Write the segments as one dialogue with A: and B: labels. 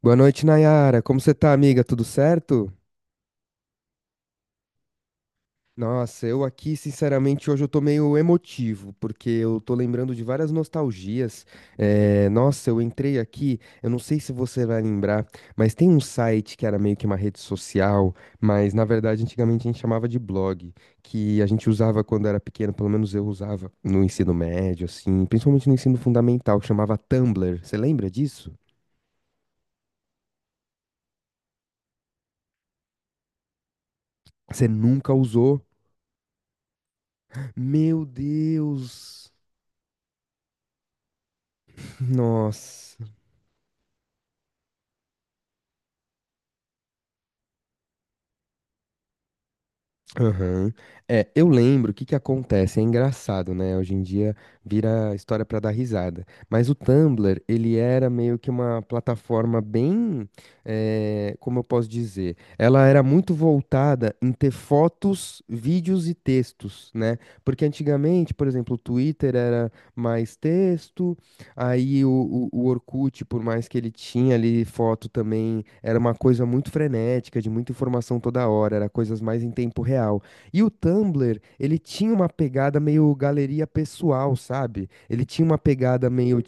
A: Boa noite, Nayara. Como você tá, amiga? Tudo certo? Nossa, eu aqui, sinceramente, hoje eu tô meio emotivo, porque eu tô lembrando de várias nostalgias. Nossa, eu entrei aqui, eu não sei se você vai lembrar, mas tem um site que era meio que uma rede social, mas na verdade antigamente a gente chamava de blog, que a gente usava quando era pequeno, pelo menos eu usava no ensino médio, assim, principalmente no ensino fundamental, que chamava Tumblr. Você lembra disso? Você nunca usou? Meu Deus! Nossa. Aham. É, eu lembro o que que acontece, é engraçado, né? Hoje em dia vira história pra dar risada. Mas o Tumblr, ele era meio que uma plataforma bem, como eu posso dizer, ela era muito voltada em ter fotos, vídeos e textos, né? Porque antigamente, por exemplo, o Twitter era mais texto. Aí o Orkut, por mais que ele tinha ali foto também, era uma coisa muito frenética, de muita informação toda hora, era coisas mais em tempo real. E o Tumblr, ele tinha uma pegada meio galeria pessoal, sabe? Ele tinha uma pegada meio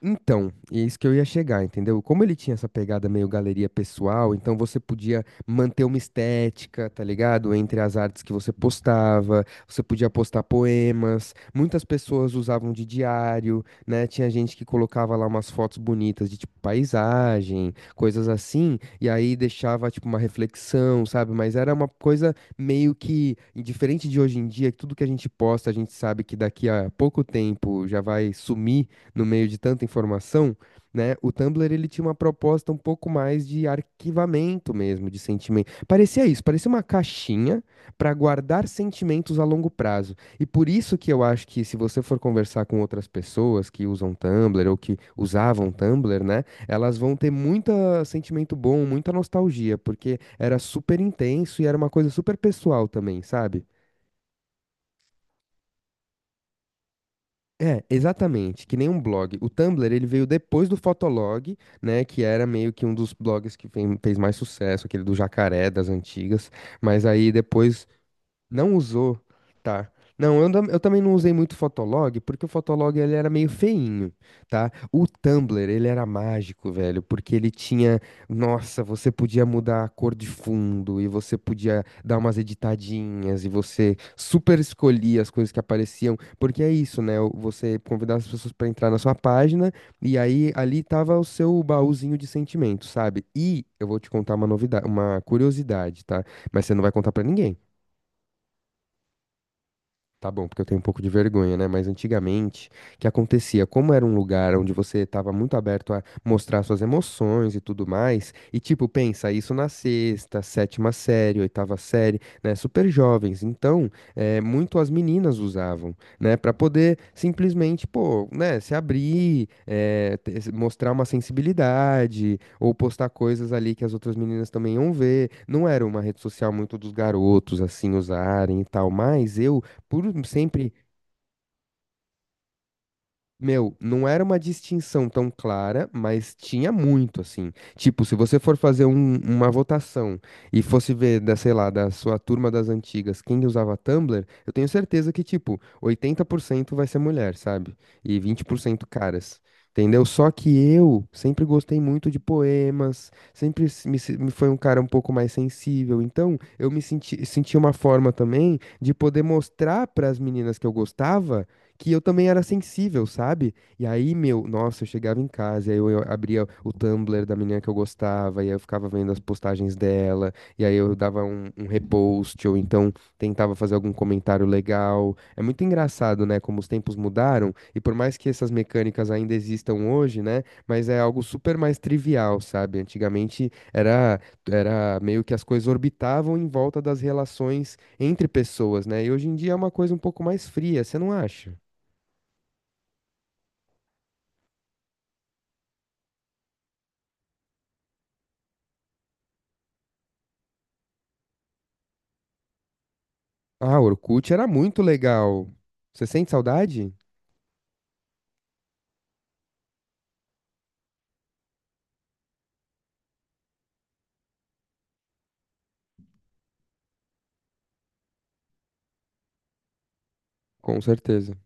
A: então, é isso que eu ia chegar, entendeu? Como ele tinha essa pegada meio galeria pessoal, então você podia manter uma estética, tá ligado? Entre as artes que você postava, você podia postar poemas, muitas pessoas usavam de diário, né? Tinha gente que colocava lá umas fotos bonitas de tipo paisagem, coisas assim, e aí deixava tipo uma reflexão, sabe? Mas era uma coisa meio que diferente de hoje em dia, que tudo que a gente posta, a gente sabe que daqui a pouco tempo já vai sumir no meio de tanta informação, né? O Tumblr ele tinha uma proposta um pouco mais de arquivamento mesmo, de sentimento. Parecia isso, parecia uma caixinha para guardar sentimentos a longo prazo. E por isso que eu acho que se você for conversar com outras pessoas que usam Tumblr ou que usavam Tumblr, né, elas vão ter muito sentimento bom, muita nostalgia, porque era super intenso e era uma coisa super pessoal também, sabe? É, exatamente, que nem um blog. O Tumblr, ele veio depois do Fotolog, né, que era meio que um dos blogs que fez mais sucesso, aquele do jacaré das antigas, mas aí depois não usou, tá? Não, eu também não usei muito o Fotolog, porque o Fotolog ele era meio feinho, tá? O Tumblr, ele era mágico, velho, porque ele tinha, nossa, você podia mudar a cor de fundo e você podia dar umas editadinhas e você super escolhia as coisas que apareciam, porque é isso, né? Você convidava as pessoas pra entrar na sua página e aí ali tava o seu baúzinho de sentimentos, sabe? E eu vou te contar uma novidade, uma curiosidade, tá? Mas você não vai contar pra ninguém. Tá bom, porque eu tenho um pouco de vergonha, né? Mas antigamente, o que acontecia? Como era um lugar onde você estava muito aberto a mostrar suas emoções e tudo mais, e tipo, pensa isso na sexta, sétima série, oitava série, né? Super jovens. Então, é, muito as meninas usavam, né? Pra poder simplesmente, pô, né? Se abrir, mostrar uma sensibilidade, ou postar coisas ali que as outras meninas também iam ver. Não era uma rede social muito dos garotos, assim, usarem e tal, mas eu por sempre, meu, não era uma distinção tão clara, mas tinha muito, assim. Tipo, se você for fazer uma votação e fosse ver, da, sei lá, da sua turma das antigas, quem usava Tumblr, eu tenho certeza que, tipo, 80% vai ser mulher, sabe? E 20% caras. Entendeu? Só que eu sempre gostei muito de poemas, sempre me foi um cara um pouco mais sensível, então eu senti uma forma também de poder mostrar para as meninas que eu gostava que eu também era sensível, sabe? E aí, meu, nossa, eu chegava em casa, e aí eu abria o Tumblr da menina que eu gostava, e aí eu ficava vendo as postagens dela, e aí eu dava um repost, ou então tentava fazer algum comentário legal. É muito engraçado, né, como os tempos mudaram, e por mais que essas mecânicas ainda existam hoje, né, mas é algo super mais trivial, sabe? Era meio que as coisas orbitavam em volta das relações entre pessoas, né? E hoje em dia é uma coisa um pouco mais fria, você não acha? Ah, Orkut era muito legal. Você sente saudade? Com certeza.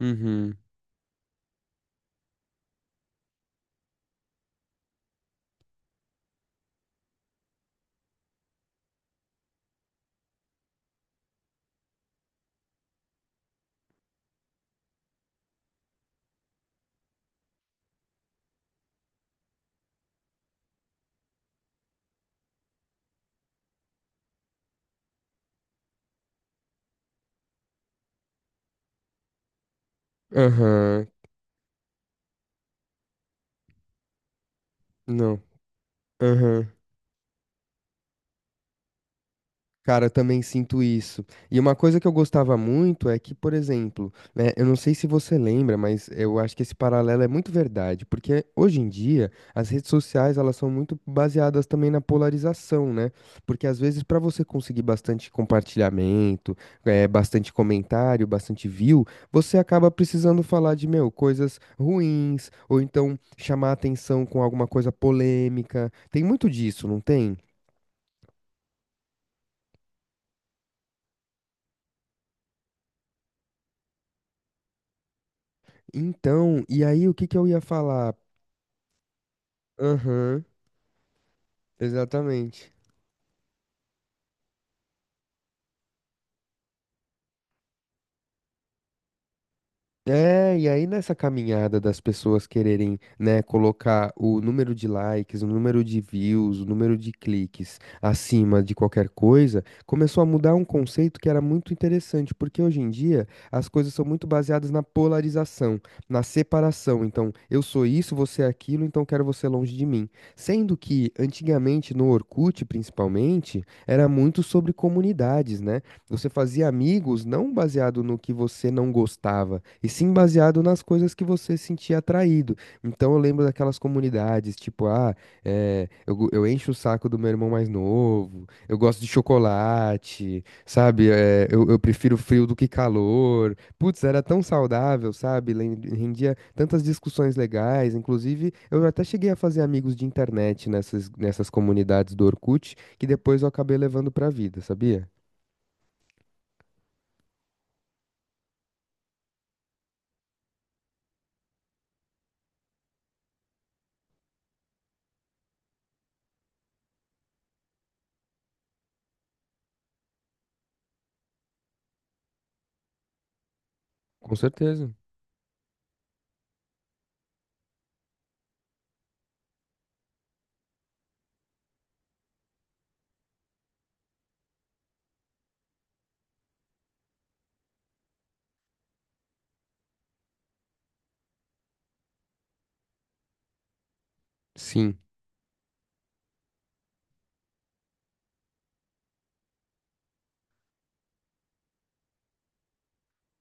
A: Uhum. Aham. Não. Aham. Cara, eu também sinto isso. E uma coisa que eu gostava muito é que, por exemplo, né, eu não sei se você lembra, mas eu acho que esse paralelo é muito verdade, porque hoje em dia as redes sociais elas são muito baseadas também na polarização, né? Porque às vezes para você conseguir bastante compartilhamento, é, bastante comentário, bastante view, você acaba precisando falar de, meu, coisas ruins, ou então chamar atenção com alguma coisa polêmica. Tem muito disso, não tem? Então, e aí o que que eu ia falar? Aham, exatamente. É, e aí nessa caminhada das pessoas quererem, né, colocar o número de likes, o número de views, o número de cliques acima de qualquer coisa, começou a mudar um conceito que era muito interessante, porque hoje em dia as coisas são muito baseadas na polarização, na separação. Então, eu sou isso, você é aquilo, então quero você longe de mim. Sendo que antigamente no Orkut, principalmente, era muito sobre comunidades, né? Você fazia amigos não baseado no que você não gostava, e sim baseado nas coisas que você sentia atraído. Então eu lembro daquelas comunidades, tipo, ah, eu encho o saco do meu irmão mais novo, eu gosto de chocolate, sabe? Eu prefiro frio do que calor. Putz, era tão saudável, sabe? Rendia tantas discussões legais. Inclusive, eu até cheguei a fazer amigos de internet nessas comunidades do Orkut, que depois eu acabei levando pra vida, sabia? Com certeza. Sim.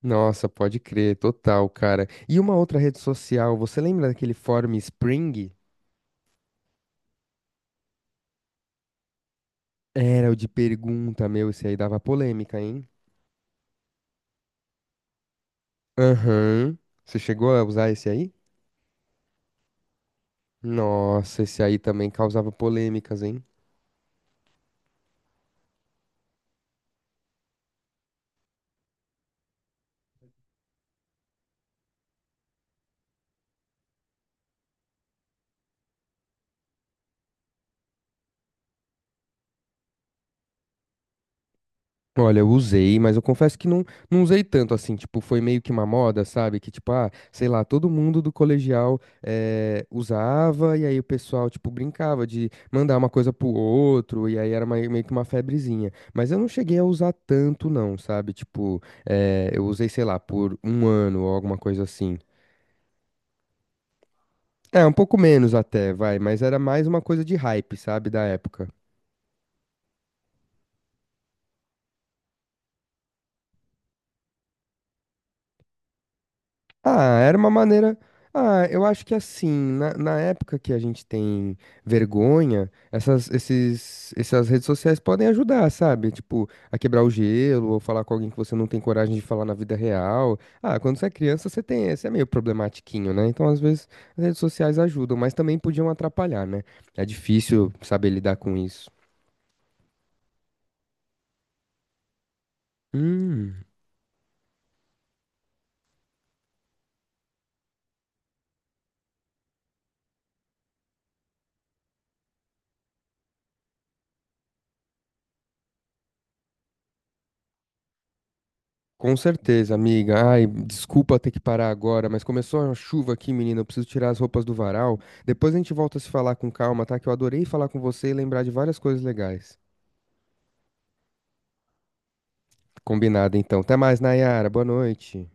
A: Nossa, pode crer, total, cara. E uma outra rede social, você lembra daquele fórum Spring? Era o de pergunta, meu, esse aí dava polêmica, hein? Aham. Você chegou a usar esse aí? Nossa, esse aí também causava polêmicas, hein? Olha, eu usei, mas eu confesso que não usei tanto assim, tipo, foi meio que uma moda, sabe? Que tipo, ah, sei lá, todo mundo do colegial usava e aí o pessoal, tipo, brincava de mandar uma coisa pro outro e aí era meio que uma febrezinha. Mas eu não cheguei a usar tanto não, sabe? Tipo, eu usei, sei lá, por um ano ou alguma coisa assim. É, um pouco menos até, vai, mas era mais uma coisa de hype, sabe, da época. Ah, era uma maneira. Ah, eu acho que assim, na época que a gente tem vergonha, essas redes sociais podem ajudar, sabe? Tipo, a quebrar o gelo, ou falar com alguém que você não tem coragem de falar na vida real. Ah, quando você é criança, você tem, você é meio problematiquinho, né? Então, às vezes, as redes sociais ajudam, mas também podiam atrapalhar, né? É difícil saber lidar com isso. Hum. Com certeza, amiga. Ai, desculpa ter que parar agora, mas começou a chuva aqui, menina. Eu preciso tirar as roupas do varal. Depois a gente volta a se falar com calma, tá? Que eu adorei falar com você e lembrar de várias coisas legais. Combinado, então. Até mais, Nayara. Boa noite.